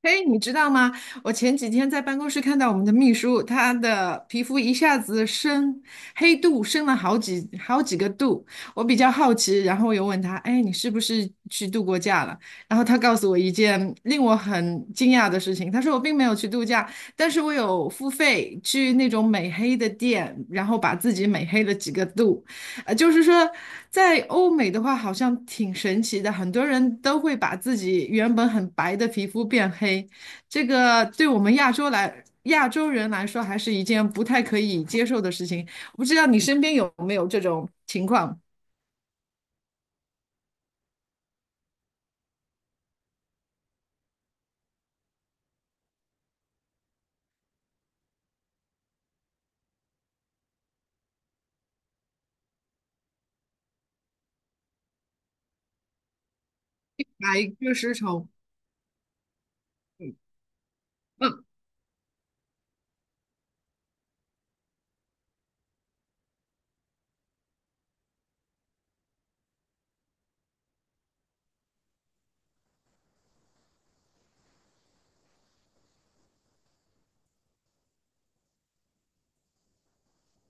嘿，你知道吗？我前几天在办公室看到我们的秘书，她的皮肤一下子升黑度，升了好几个度。我比较好奇，然后我又问她：“哎，你是不是去度过假了？”然后她告诉我一件令我很惊讶的事情，她说我并没有去度假，但是我有付费去那种美黑的店，然后把自己美黑了几个度。就是说，在欧美的话，好像挺神奇的，很多人都会把自己原本很白的皮肤变黑，这个对我们亚洲人来说，还是一件不太可以接受的事情。我不知道你身边有没有这种情况，白热丝绸。嗯，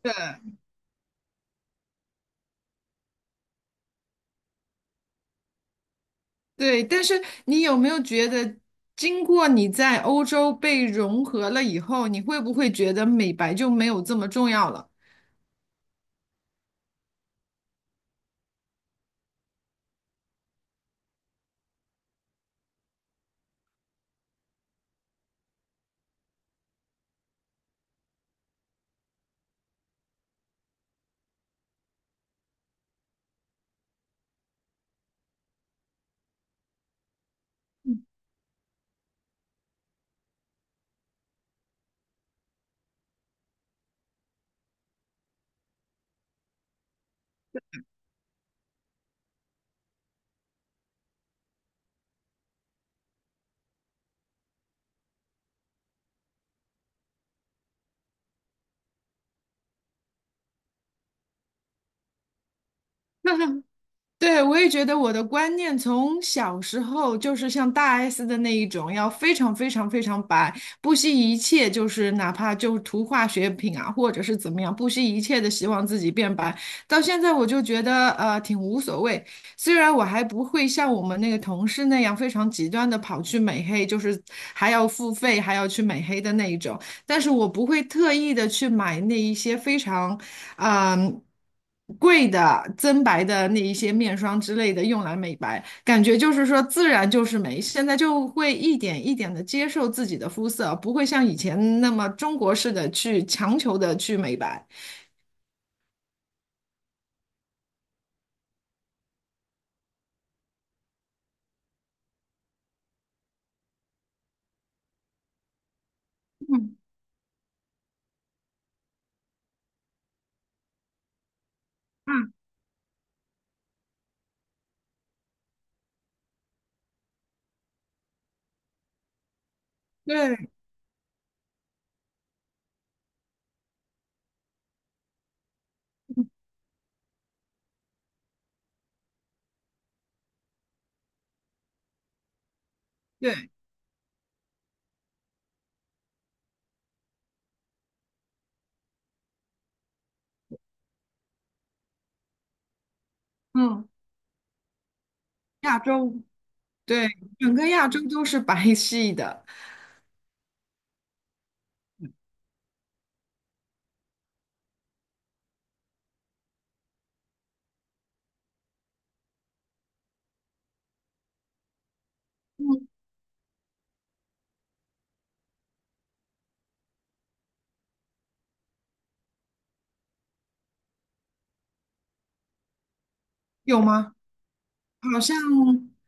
对对，但是你有没有觉得，经过你在欧洲被融合了以后，你会不会觉得美白就没有这么重要了？对，我也觉得我的观念从小时候就是像大 S 的那一种，要非常非常非常白，不惜一切，就是哪怕就涂化学品啊，或者是怎么样，不惜一切的希望自己变白。到现在我就觉得挺无所谓，虽然我还不会像我们那个同事那样非常极端的跑去美黑，就是还要付费还要去美黑的那一种，但是我不会特意的去买那一些非常。嗯，贵的增白的那一些面霜之类的用来美白，感觉就是说自然就是美。现在就会一点一点的接受自己的肤色，不会像以前那么中国式的去强求的去美白。嗯，对对，嗯，亚洲，对，整个亚洲都是白系的，嗯，有吗？好像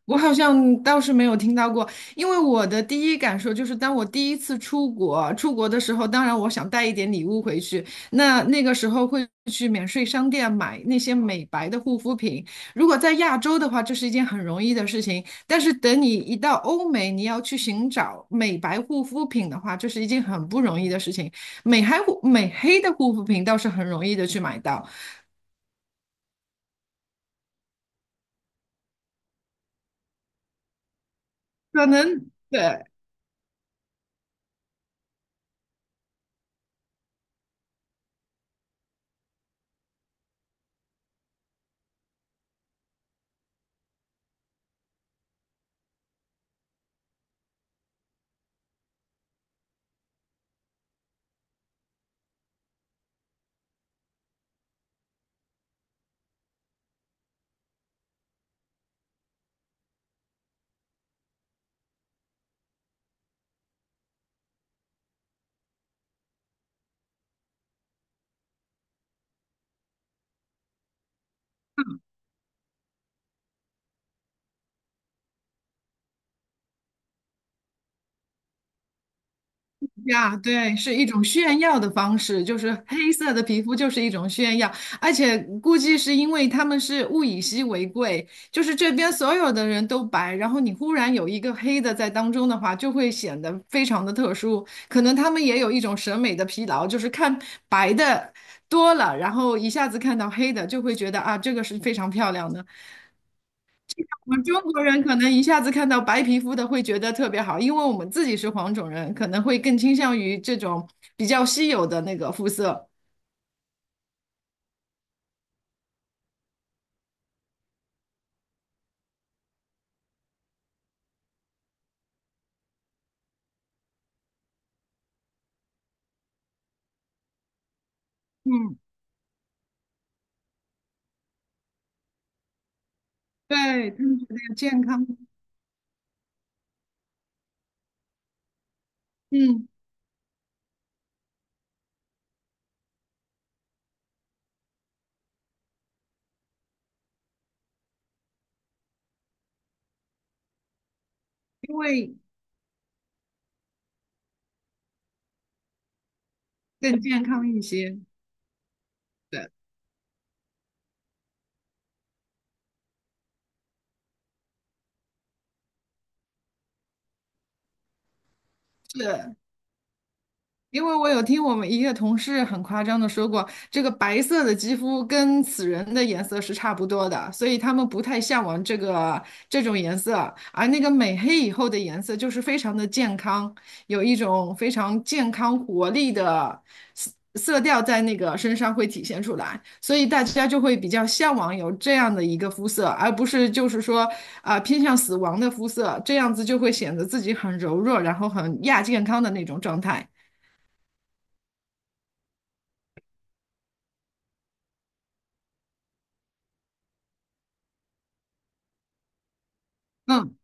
我倒是没有听到过，因为我的第一感受就是，当我第一次出国，出国的时候，当然我想带一点礼物回去，那个时候会去免税商店买那些美白的护肤品。如果在亚洲的话，这是一件很容易的事情，但是等你一到欧美，你要去寻找美白护肤品的话，这是一件很不容易的事情。美黑的护肤品倒是很容易的去买到，可能。对，呀，对，是一种炫耀的方式，就是黑色的皮肤就是一种炫耀，而且估计是因为他们是物以稀为贵，就是这边所有的人都白，然后你忽然有一个黑的在当中的话，就会显得非常的特殊。可能他们也有一种审美的疲劳，就是看白的多了，然后一下子看到黑的就会觉得啊，这个是非常漂亮的。我们中国人可能一下子看到白皮肤的会觉得特别好，因为我们自己是黄种人，可能会更倾向于这种比较稀有的那个肤色。嗯，对，他们觉得要健康，嗯，因为更健康一些。对，是，因为我有听我们一个同事很夸张的说过，这个白色的肌肤跟死人的颜色是差不多的，所以他们不太向往这种颜色，而那个美黑以后的颜色就是非常的健康，有一种非常健康活力的色色调在那个身上会体现出来，所以大家就会比较向往有这样的一个肤色，而不是就是说啊、偏向死亡的肤色，这样子就会显得自己很柔弱，然后很亚健康的那种状态。嗯。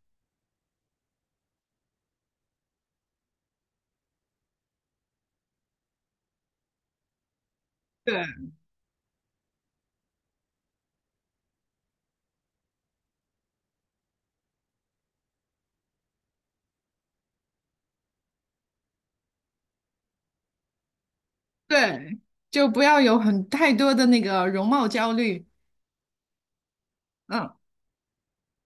对对，就不要有太多的那个容貌焦虑，嗯。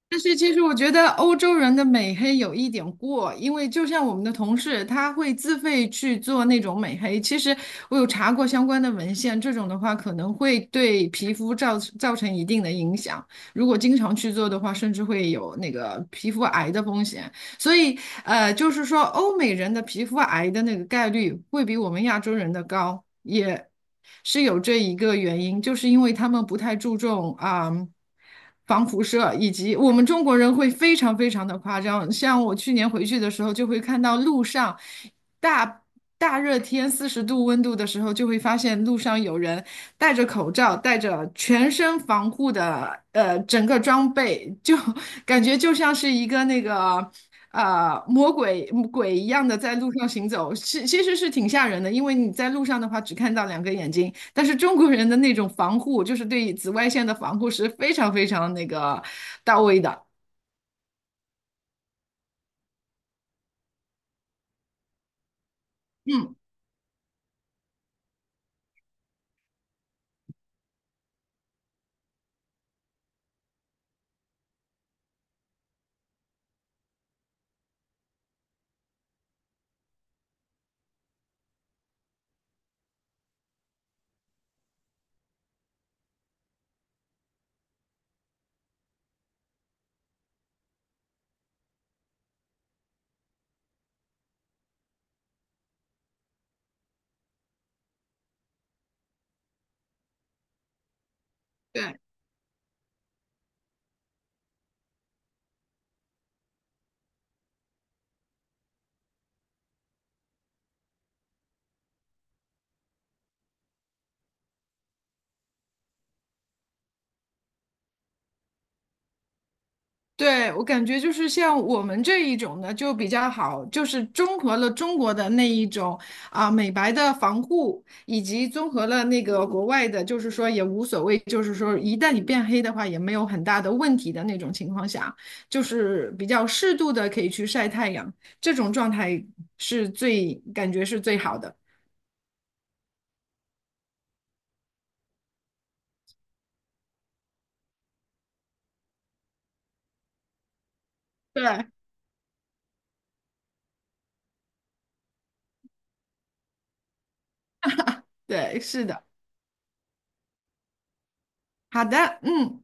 但是其实我觉得欧洲人的美黑有一点过，因为就像我们的同事，他会自费去做那种美黑。其实我有查过相关的文献，这种的话可能会对皮肤造成一定的影响。如果经常去做的话，甚至会有那个皮肤癌的风险。所以就是说欧美人的皮肤癌的那个概率会比我们亚洲人的高，也是有这一个原因，就是因为他们不太注重啊。防辐射，以及我们中国人会非常非常的夸张，像我去年回去的时候，就会看到路上大大热天40度温度的时候，就会发现路上有人戴着口罩，戴着全身防护的整个装备，就 感觉就像是一个那个。啊、鬼一样的在路上行走，其实是挺吓人的，因为你在路上的话只看到两个眼睛，但是中国人的那种防护，就是对紫外线的防护是非常非常那个到位的。嗯，对。对，我感觉就是像我们这一种呢，就比较好，就是综合了中国的那一种啊、美白的防护，以及综合了那个国外的，就是说也无所谓，就是说一旦你变黑的话也没有很大的问题的那种情况下，就是比较适度的可以去晒太阳，这种状态感觉是最好的。对对，是的，好的，嗯。